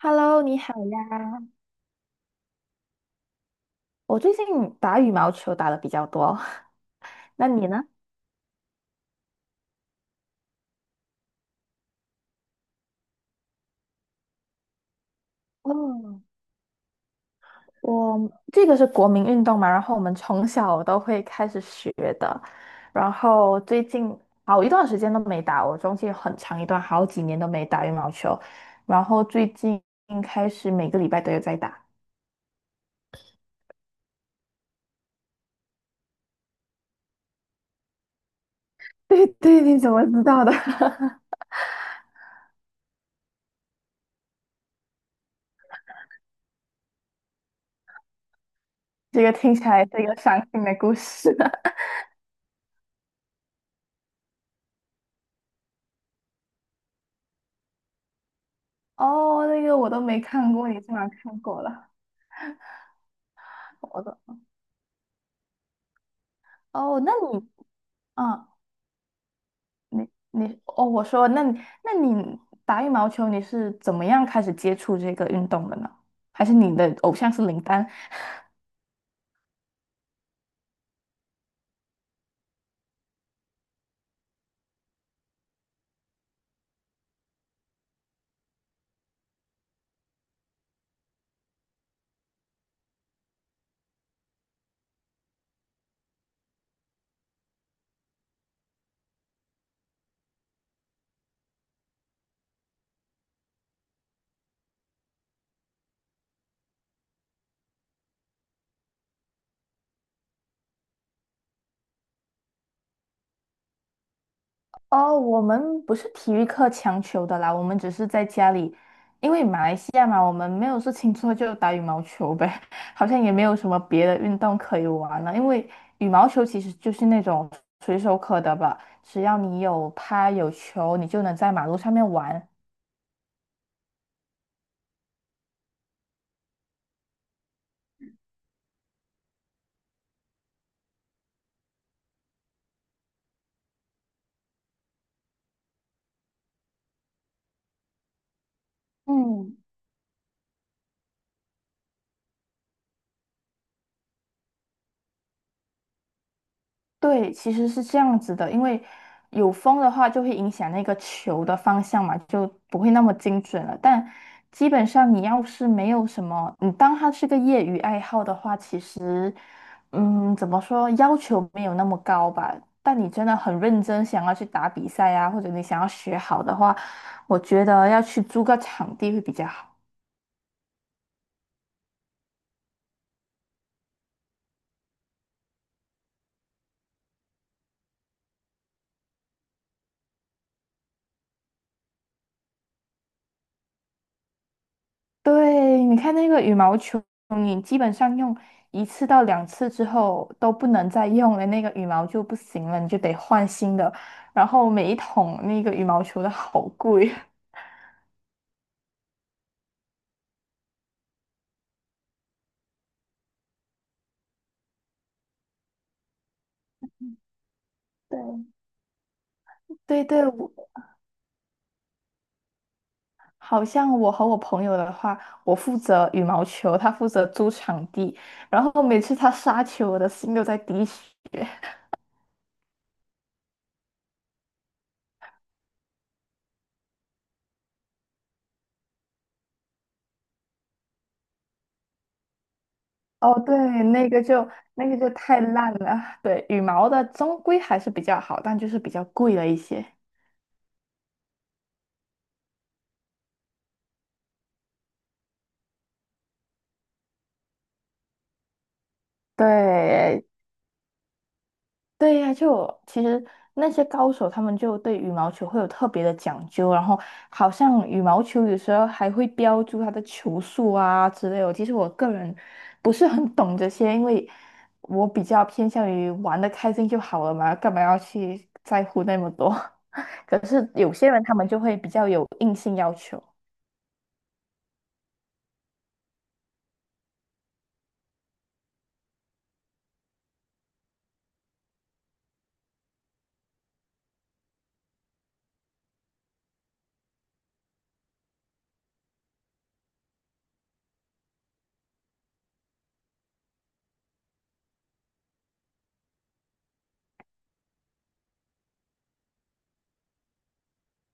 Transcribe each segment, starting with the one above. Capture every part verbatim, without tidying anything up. Hello，你好呀。我最近打羽毛球打的比较多，那你呢？哦，我这个是国民运动嘛，然后我们从小都会开始学的，然后最近好一段时间都没打，我中间很长一段好几年都没打羽毛球，然后最近开始每个礼拜都有在打。对对，你怎么知道的？这个听起来是一个伤心的故事。哦，那个我都没看过，你竟然看过了。我的哦，那你嗯，你你哦，我说，那你那你打羽毛球你是怎么样开始接触这个运动的呢？还是你的偶像是林丹？哦，我们不是体育课强求的啦，我们只是在家里，因为马来西亚嘛，我们没有事情做就打羽毛球呗，好像也没有什么别的运动可以玩了。因为羽毛球其实就是那种随手可得吧，只要你有拍有球，你就能在马路上面玩。嗯。对，其实是这样子的，因为有风的话就会影响那个球的方向嘛，就不会那么精准了。但基本上你要是没有什么，你当它是个业余爱好的话，其实，嗯，怎么说，要求没有那么高吧。但你真的很认真想要去打比赛啊，或者你想要学好的话，我觉得要去租个场地会比较好。对，你看那个羽毛球，你基本上用一次到两次之后都不能再用了，那个羽毛就不行了，你就得换新的。然后每一桶那个羽毛球的好贵。对，对对，我好像我和我朋友的话，我负责羽毛球，他负责租场地，然后每次他杀球，我的心都在滴血。哦，对，那个就那个就太烂了。对，羽毛的终归还是比较好，但就是比较贵了一些。对对呀、就我其实那些高手他们就对羽毛球会有特别的讲究，然后好像羽毛球有时候还会标注它的球速啊之类的。其实我个人不是很懂这些，因为我比较偏向于玩的开心就好了嘛，干嘛要去在乎那么多？可是有些人他们就会比较有硬性要求。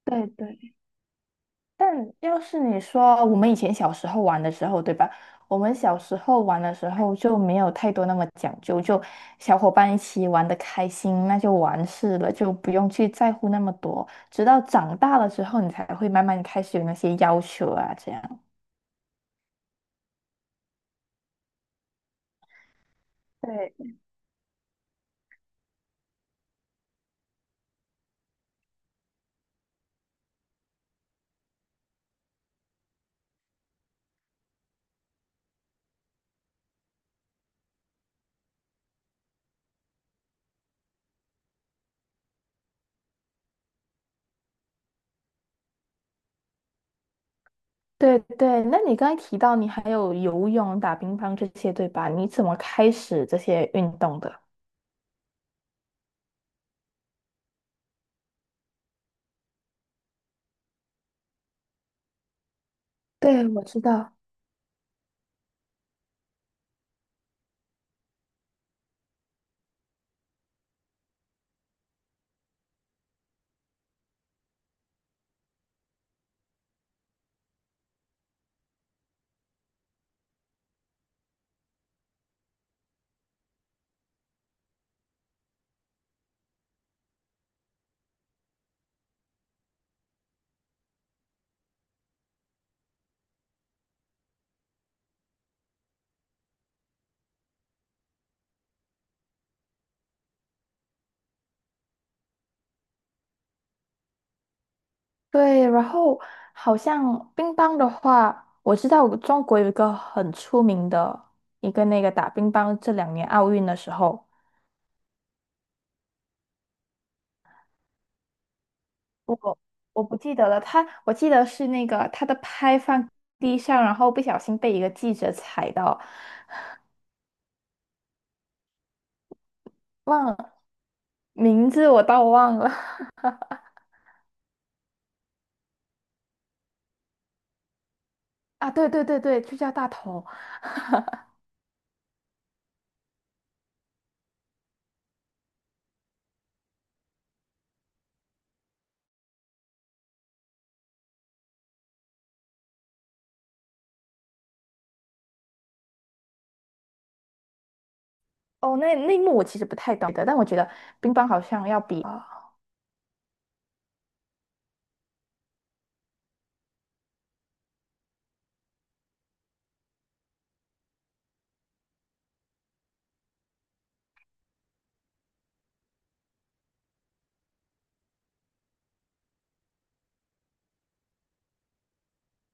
对对，但要是你说我们以前小时候玩的时候，对吧？我们小时候玩的时候就没有太多那么讲究，就小伙伴一起玩的开心，那就完事了，就不用去在乎那么多。直到长大了之后，你才会慢慢开始有那些要求啊，这样。对，对对，那你刚才提到你还有游泳、打乒乓这些，对吧？你怎么开始这些运动的？对，我知道。对，然后好像乒乓的话，我知道中国有一个很出名的一个那个打乒乓，这两年奥运的时候，我我不记得了，他我记得是那个他的拍放地上，然后不小心被一个记者踩到，忘了名字我倒忘了。 啊，对对对对，就叫大头。哦，那那一幕我其实不太懂的，但我觉得乒乓好像要比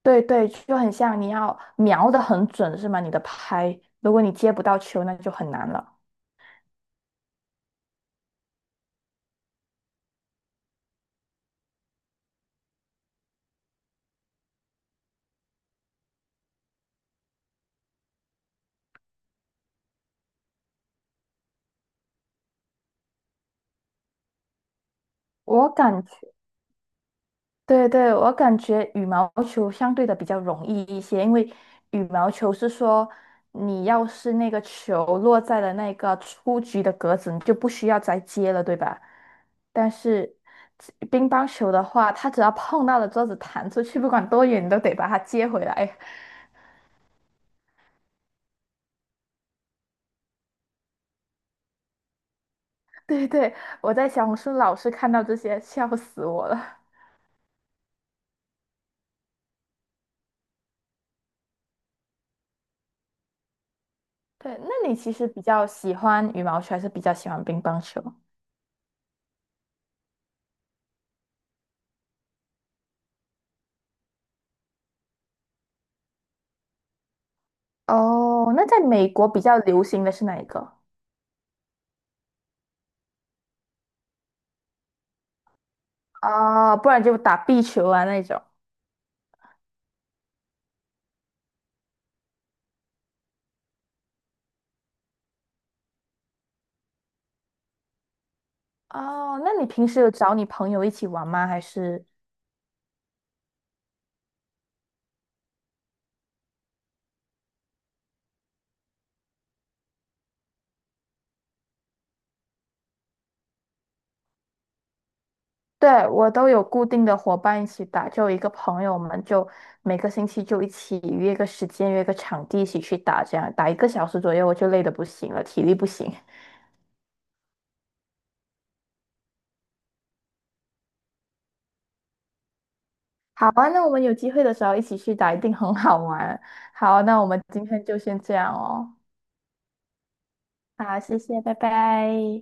对对，就很像你要瞄得很准，是吗？你的拍，如果你接不到球，那就很难了。我感觉，对对，我感觉羽毛球相对的比较容易一些，因为羽毛球是说，你要是那个球落在了那个出局的格子，你就不需要再接了，对吧？但是乒乓球的话，它只要碰到了桌子弹出去，不管多远，你都得把它接回来。对对，我在小红书老是看到这些，笑死我了。对，那你其实比较喜欢羽毛球，还是比较喜欢乒乓球？哦，那在美国比较流行的是哪一个？哦，不然就打壁球啊那种。哦，那你平时有找你朋友一起玩吗？还是？对，我都有固定的伙伴一起打，就有一个朋友，我们就每个星期就一起约个时间，约个场地一起去打，这样打一个小时左右，我就累得不行了，体力不行。好啊，那我们有机会的时候一起去打，一定很好玩。好啊，那我们今天就先这样哦。好，谢谢，拜拜。